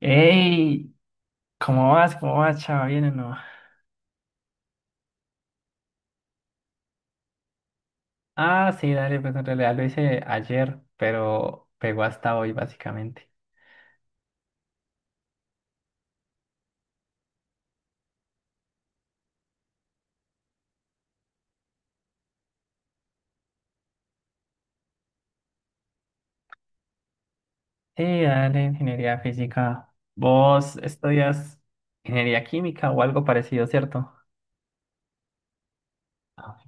Ey, ¿cómo vas? ¿Cómo vas, chava? ¿Bien o no? Ah, sí, dale, pues en realidad lo hice ayer, pero pegó hasta hoy, básicamente. Sí, dale, ingeniería física. ¿Vos estudias ingeniería química o algo parecido, cierto? Ah.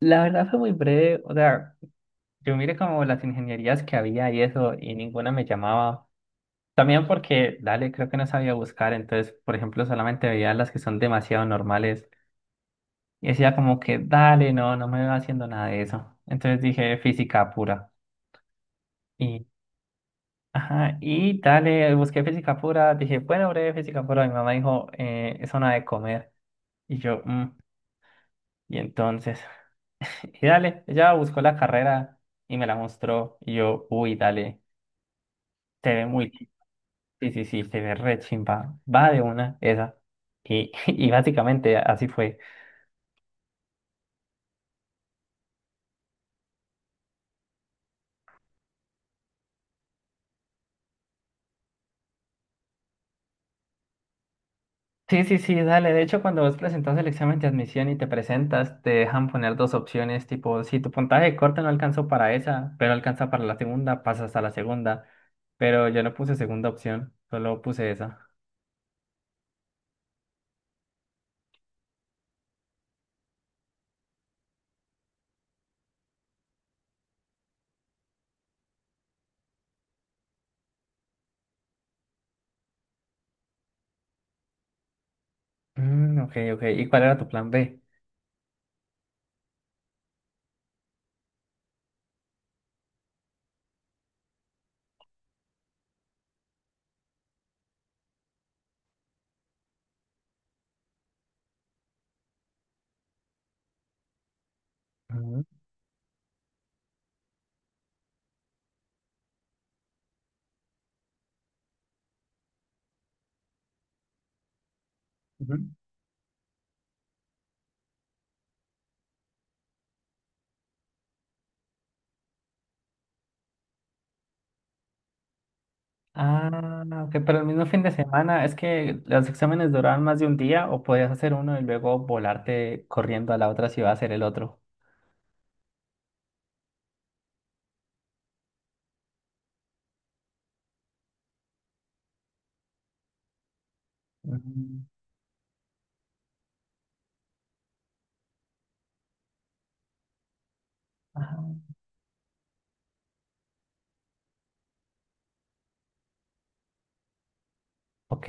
La verdad fue muy breve, o sea, yo miré como las ingenierías que había y eso, y ninguna me llamaba. También porque, dale, creo que no sabía buscar, entonces, por ejemplo, solamente veía las que son demasiado normales. Y decía como que, dale, no, no me va haciendo nada de eso. Entonces dije física pura. Y, ajá, y dale, busqué física pura. Dije, bueno, breve física pura. Mi mamá dijo, es hora de comer. Y yo, "Mm". Y entonces, y dale, ella buscó la carrera y me la mostró. Y yo, uy, dale, se ve muy, chi- sí, sí, sí, se ve re chimba. Va de una, esa. Y, y básicamente así fue. Sí, sí, sí, dale. De hecho, cuando vos presentas el examen de admisión y te presentas, te dejan poner dos opciones, tipo, si tu puntaje corto no alcanzó para esa, pero alcanza para la segunda, pasas a la segunda. Pero yo no puse segunda opción, solo puse esa. Mm, ok, ok. ¿Y cuál era tu plan B? Ujú, ujú. Ah, ok, pero el mismo fin de semana, ¿es que los exámenes duraban más de un día o podías hacer uno y luego volarte corriendo a la otra si va a hacer el otro? Mm, ajá. Ok.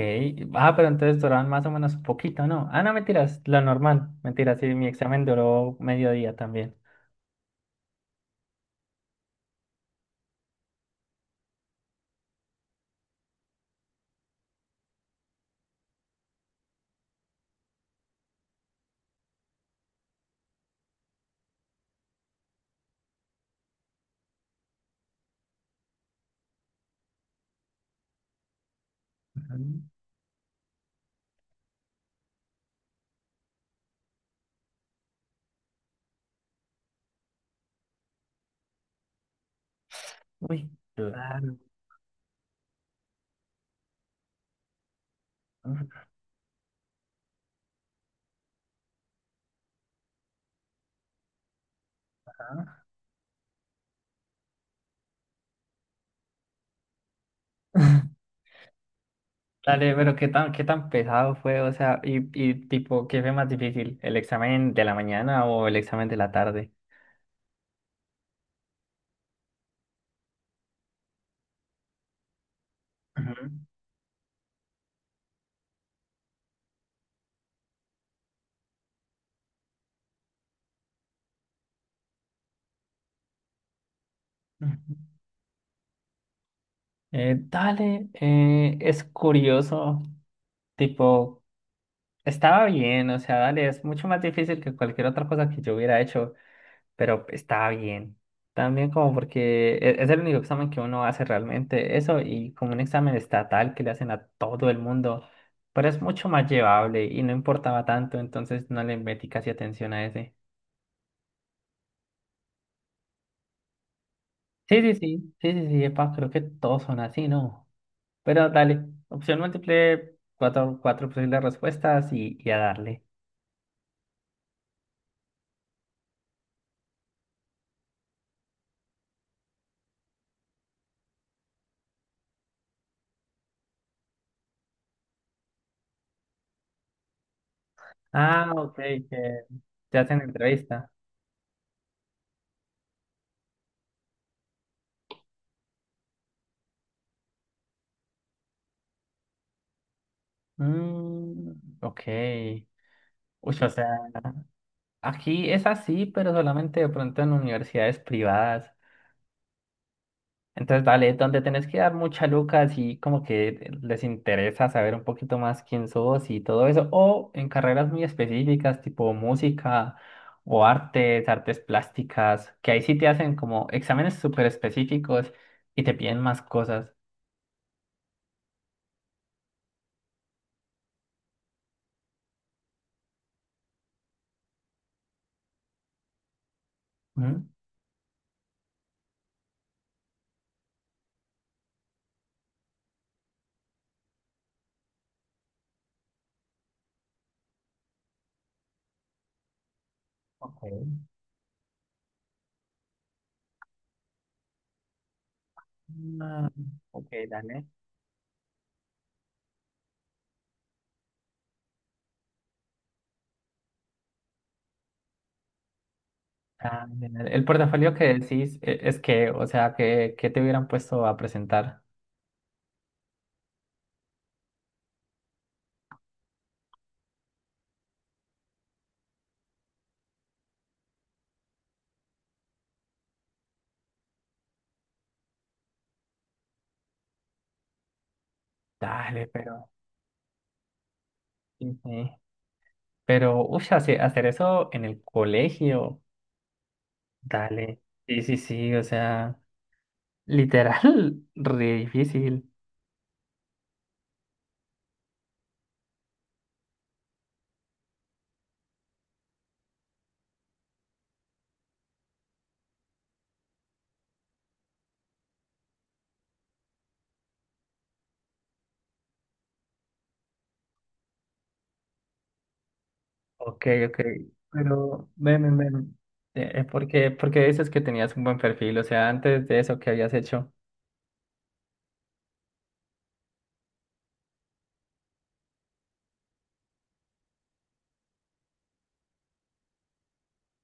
Ah, pero entonces duraban más o menos un poquito, ¿no? Ah, no, mentiras, lo normal. Mentiras, sí, mi examen duró medio día también. Ujú. Uy, claro. Ajá. Dale, pero qué tan pesado fue, o sea, y tipo, ¿qué fue más difícil? ¿El examen de la mañana o el examen de la tarde? Ujú. Ujú. Dale, es curioso, tipo, estaba bien, o sea, dale, es mucho más difícil que cualquier otra cosa que yo hubiera hecho, pero está bien. También como porque e- es el único examen que uno hace realmente eso y como un examen estatal que le hacen a todo el mundo, pero es mucho más llevable y no importaba tanto, entonces no le metí casi atención a ese. Sí, sí, sí, sí, sí, sí, epa, creo que todos son así, ¿no? Pero dale, opción múltiple, cuatro posibles respuestas y a darle. Ah, ok, que te hacen entrevista. Mm, ok. Uy, o sea. Aquí es así, pero solamente de pronto en universidades privadas. Entonces, dale, donde tenés que dar mucha lucas y como que les interesa saber un poquito más quién sos y todo eso, o en carreras muy específicas, tipo música o artes, artes plásticas, que ahí sí te hacen como exámenes súper específicos y te piden más cosas. Ujú. Ok. Ah, ok, dale. Ah, el portafolio que decís es que, o sea, que te hubieran puesto a presentar. Dale, pero sí, sí. Pero, uy, hacer eso en el colegio. Dale. Sí, sí, sí, o sea, literal, re difícil. Ok, ok. Pero, ven, ven, ven. Por qué dices que tenías un buen perfil? O sea, antes de eso, ¿qué habías hecho?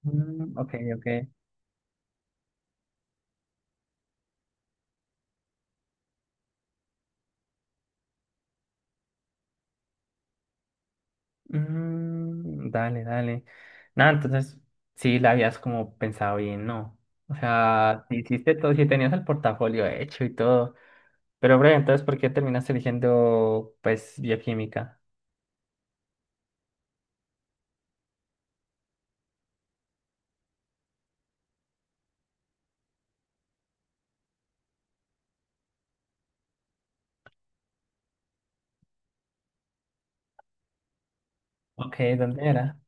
Mm, ok, ok. Mm, dale, dale. Nada, entonces, sí, la habías como pensado bien, ¿no? O sea, sí hiciste todo, sí tenías el portafolio hecho y todo. Pero, breve, entonces, ¿por qué terminaste eligiendo, pues, bioquímica? Ok, ¿dónde era?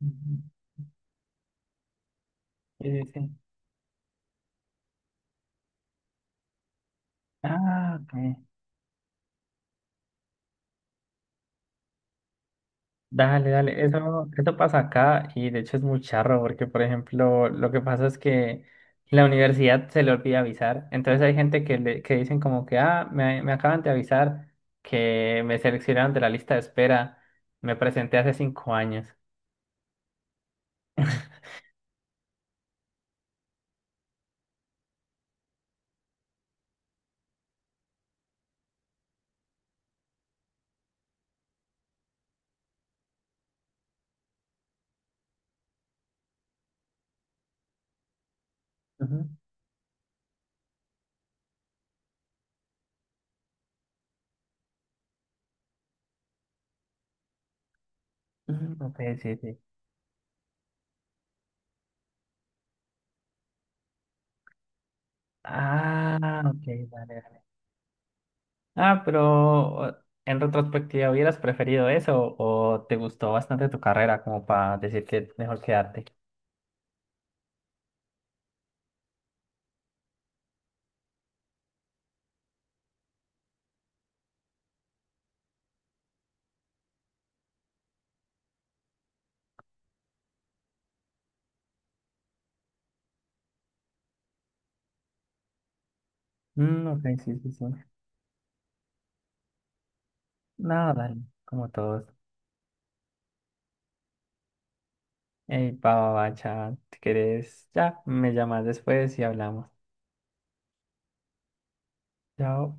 Ujú. Sí, sí, sí. Ah, ok. Dale, dale. Eso pasa acá y de hecho es muy charro porque, por ejemplo, lo que pasa es que la universidad se le olvida avisar. Entonces hay gente que, le, que dicen como que, ah, me acaban de avisar que me seleccionaron de la lista de espera. Me presenté hace 5 años. Ujú. Ujú, ok, sí, sí. Ah, ok, vale. Ah, pero en retrospectiva, ¿hubieras preferido eso o te gustó bastante tu carrera como para decir que mejor quedarte? Mm, ok, sí, sí, sí. Nada, dale, como todos. Ey, pa, va, va, cha, si querés, ya, me llamas después y hablamos. Chao.